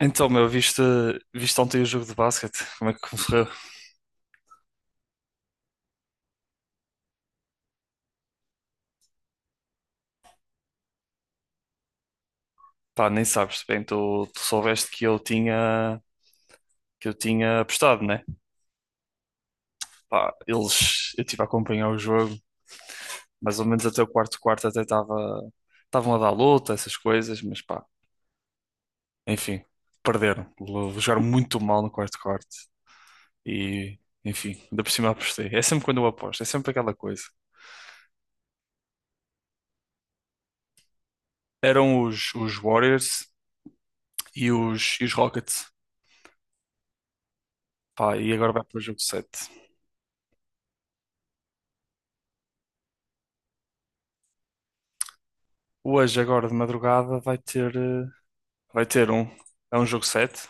Então, meu, viste ontem o jogo de basquete? Como é que correu? Pá, nem sabes bem, tu soubeste que eu tinha apostado, né? Pá, eu estive a acompanhar o jogo, mais ou menos até o quarto quarto, até estavam a dar luta, essas coisas, mas pá, enfim, perderam. Jogaram muito mal no quarto quarto e, enfim, ainda por cima apostei. É sempre quando eu aposto, é sempre aquela coisa. Eram os Warriors e os Rockets. Pá, e agora vai para o jogo 7. Hoje, agora de madrugada, vai ter um. É um jogo 7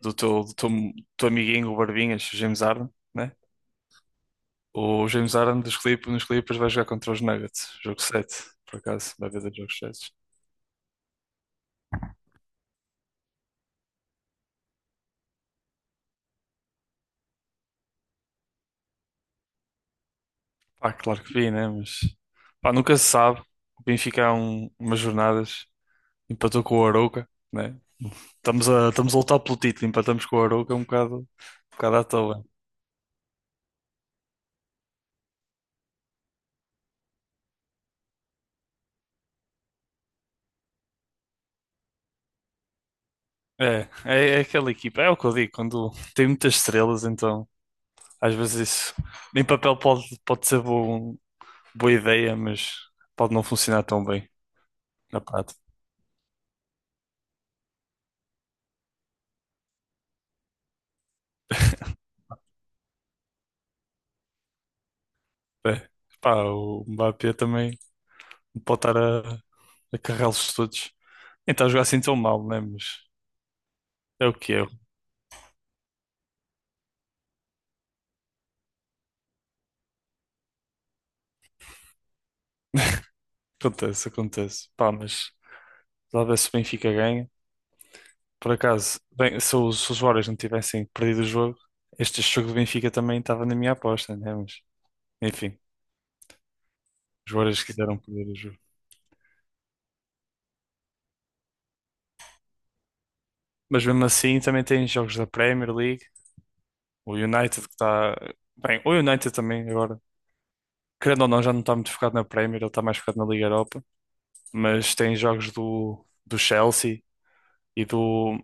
do teu amiguinho, o Barbinhas, o James Harden, né? O James Harden dos Clippers, nos Clippers vai jogar contra os Nuggets. Jogo 7, por acaso, vai haver dois jogos 7. Pá, claro que vi, né? Mas pá, nunca se sabe. O Benfica há umas jornadas empatou com o Arouca, né? Estamos a lutar pelo título, empatamos com o Arouca, é um bocado à toa. É aquela equipa, é o que eu digo, quando tem muitas estrelas, então. Às vezes isso em papel pode ser boa ideia, mas pode não funcionar tão bem na prática. É. Pá, o Mbappé também não pode estar a carregá-los todos. Nem está a jogar assim tão mal, né? Mas é o que é. Acontece, acontece. Pá, mas talvez se o Benfica ganha. Por acaso, bem, se os Warriors não tivessem perdido o jogo, este jogo do Benfica também estava na minha aposta, né? Mas, enfim, os Warriors quiseram perder o jogo. Mas mesmo assim também tem jogos da Premier League. O United que está. Bem, o United também agora. Querendo ou não, já não está muito focado na Premier, ele está mais focado na Liga Europa. Mas tem jogos do Chelsea e do,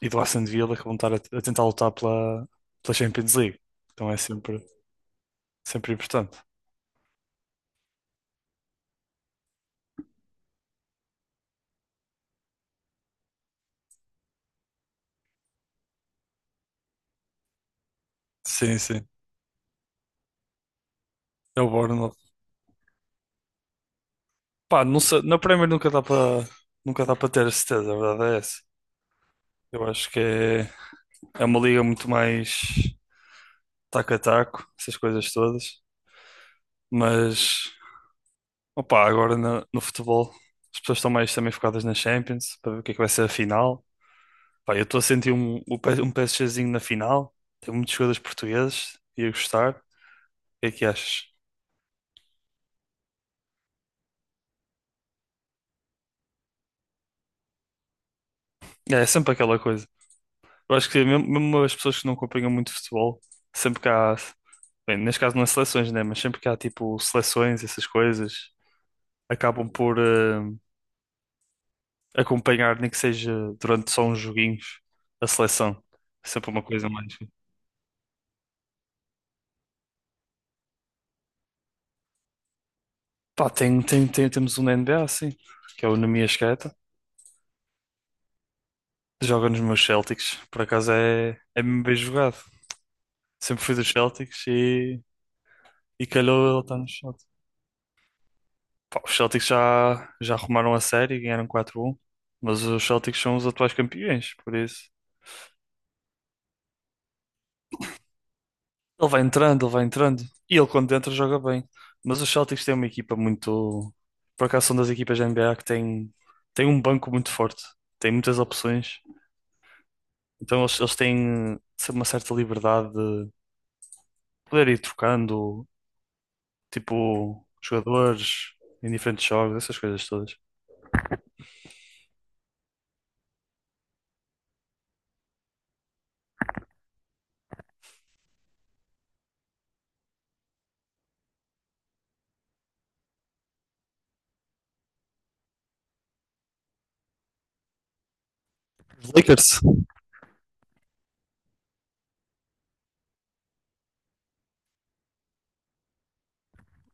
e do Aston Villa, que vão estar a tentar lutar pela Champions League. Então é sempre, sempre importante. Sim, sim. É o Bournemouth. Pá, não sei, na Premier nunca dá para nunca dá para ter a certeza, a verdade é essa. Eu acho que é, é uma liga muito mais taco a taco, essas coisas todas. Mas opa, agora no futebol as pessoas estão mais também focadas na Champions para ver o que é que vai ser a final. Pá, eu estou a sentir um PSGzinho na final. Tem muitos jogadores portugueses. Ia gostar. O que é que achas? É, é sempre aquela coisa. Eu acho que mesmo, mesmo as pessoas que não acompanham muito futebol, sempre que há, bem, neste caso não é seleções, né? Mas sempre que há tipo seleções, essas coisas, acabam por acompanhar, nem que seja durante só uns joguinhos, a seleção. É sempre uma coisa mais. Pá, temos um na NBA, sim, que é o Numi Asqueta. Joga nos meus Celtics, por acaso é, é mesmo bem jogado. Sempre fui dos Celtics e calhou ele estar nos Celtics. Pá, os Celtics já, já arrumaram a série, ganharam 4 um, mas os Celtics são os atuais campeões, por isso. Ele vai entrando, e ele quando entra joga bem. Mas os Celtics têm uma equipa muito. Por acaso são das equipas da NBA que tem tem um banco muito forte, tem muitas opções, então eles têm sempre uma certa liberdade poder ir trocando, tipo, jogadores em diferentes jogos, essas coisas todas. Os Lakers,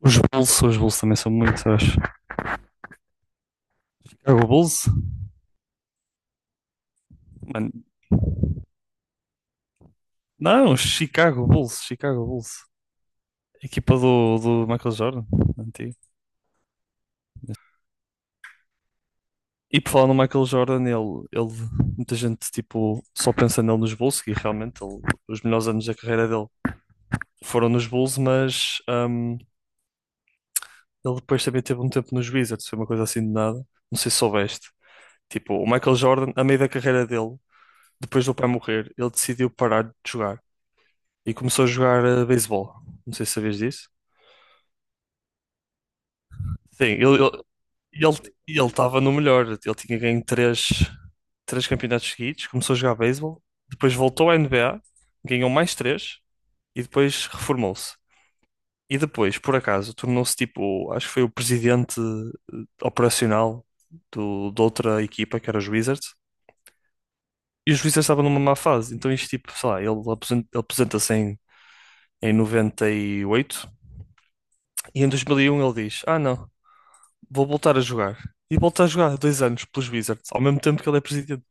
os Bulls também são muitos, eu acho. Chicago Bulls? Mano, não, Chicago Bulls, Chicago Bulls. Equipa do Michael Jordan, antigo. E por falar no Michael Jordan, muita gente tipo, só pensa nele nos Bulls, e realmente os melhores anos da carreira dele foram nos Bulls, mas ele depois também teve um tempo nos Wizards, foi uma coisa assim de nada. Não sei se soubeste. Tipo, o Michael Jordan, a meio da carreira dele, depois do pai morrer, ele decidiu parar de jogar e começou a jogar beisebol. Não sei se sabias disso. Sim, ele ele estava no melhor. Ele tinha ganho três campeonatos seguidos, começou a jogar beisebol, depois voltou à NBA, ganhou mais três e depois reformou-se. E depois, por acaso, tornou-se tipo, acho que foi o presidente operacional de outra equipa, que era os Wizards. E o juiz estava numa má fase, então isto tipo, sei lá, ele aposenta-se em, em noventa e oito, e em 2001 ele diz: Ah, não, vou voltar a jogar. E volta a jogar 2 anos pelos Wizards, ao mesmo tempo que ele é presidente,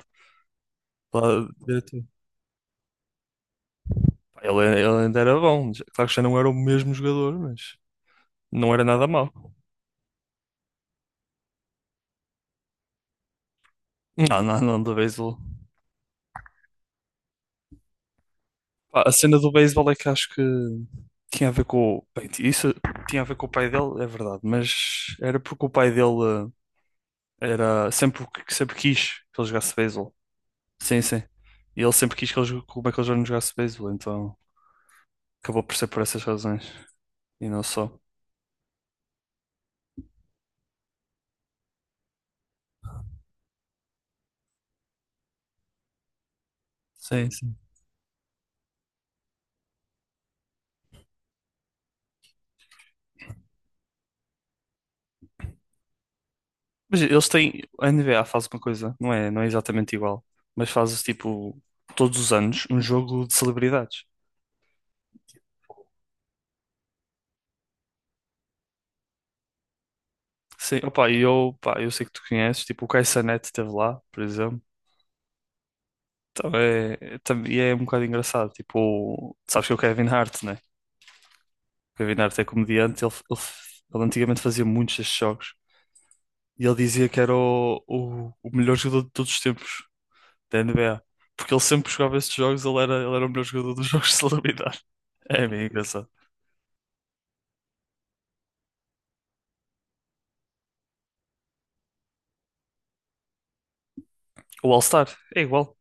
lá diretor. Pá, ele ainda era bom, claro que já não era o mesmo jogador, mas não era nada mau. Não, não, não, do beisebol. Pá, a cena do beisebol é que acho que tinha a ver com. Bem, isso tinha a ver com o pai dele, é verdade, mas era porque o pai dele. Era sempre, sempre quis que ele jogasse beisebol. Sim, sim. E ele sempre quis que ele, que o Michael Jordan jogasse beisebol, então acabou por ser por essas razões e não só. Sim, sim. Mas eles têm. A NBA faz uma coisa, não é, não é exatamente igual, mas fazes tipo todos os anos um jogo de celebridades. Sim, opa, pá, eu sei que tu conheces, tipo o Kai Cenat esteve lá, por exemplo. Então e é um bocado engraçado. Tipo, sabes que é o Kevin Hart, né? O Kevin Hart é comediante, ele antigamente fazia muitos destes jogos. E ele dizia que era o melhor jogador de todos os tempos da NBA. Porque ele sempre que jogava esses jogos, ele era o melhor jogador dos jogos de celebridade. É é bem engraçado. O All-Star é igual.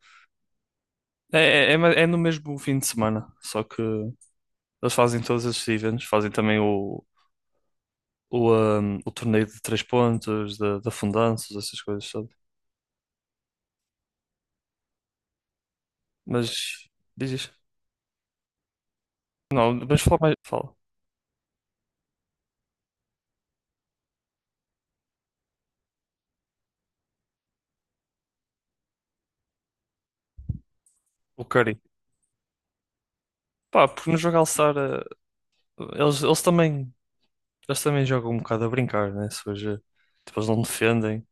É no mesmo fim de semana, só que eles fazem todos esses eventos, fazem também o torneio de três pontos, da fundanças, essas coisas, sabe? Mas diz isto. Não, mas fala mais. Fala. O Curry. Pá, porque no jogo All-Star eles, eles também. Eles também jogam um bocado a brincar, né? Se hoje, tipo, eles não defendem.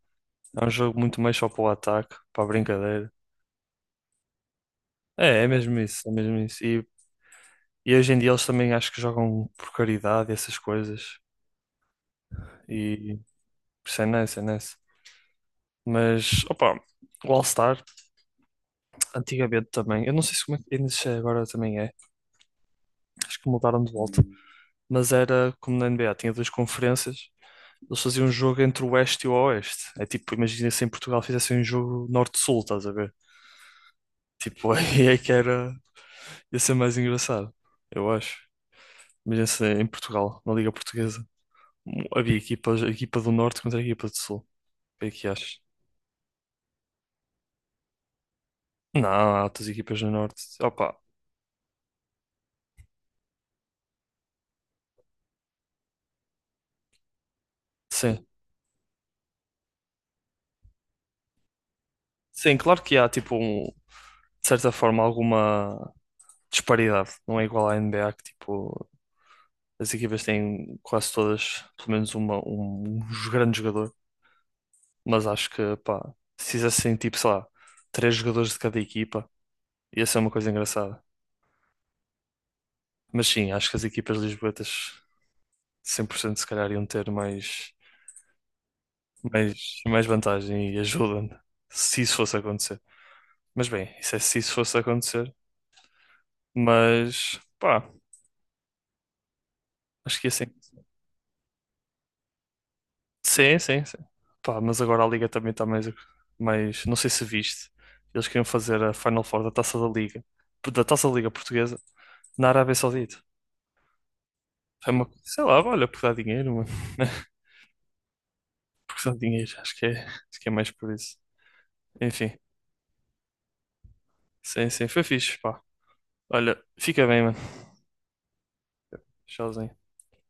É um jogo muito mais só para o ataque, para a brincadeira. É mesmo isso, é mesmo isso. E hoje em dia eles também acho que jogam por caridade e essas coisas. E isso é nice, é nice. Mas, opa, o All-Star, antigamente também, eu não sei se como é que ainda se é agora também é, acho que mudaram de volta. Mas era como na NBA, tinha duas conferências, eles faziam um jogo entre o Oeste e o Oeste. É tipo, imagina se em Portugal fizessem um jogo Norte-Sul, estás a ver? Tipo, aí é que era. Ia ser mais engraçado, eu acho. Imagina se em Portugal, na Liga Portuguesa, havia equipas, a equipa do Norte contra a equipa do Sul. O que é que achas? Não, há outras equipas do Norte. Opa, sim. Sim, claro que há, tipo, de certa forma, alguma disparidade. Não é igual à NBA, que, tipo, as equipas têm quase todas, pelo menos, um grande jogador. Mas acho que, pá, se fizessem, tipo, sei lá, três jogadores de cada equipa, ia ser uma coisa engraçada. Mas sim, acho que as equipas lisboetas 100% se calhar iam ter mais vantagem e ajuda se isso fosse acontecer. Mas bem, isso é se isso fosse acontecer. Mas pá, acho que ia. Sim, sim, sim. Pá, mas agora a Liga também está mais, mais. Não sei se viste. Eles queriam fazer a Final Four da Taça da Liga, da Taça da Liga Portuguesa, na Arábia Saudita. É uma, sei lá, olha, porque dá dinheiro, mano. Porque dá dinheiro, acho que é mais por isso. Enfim, sim, sim, foi fixe, pá. Olha, fica bem, mano. Tchauzinho.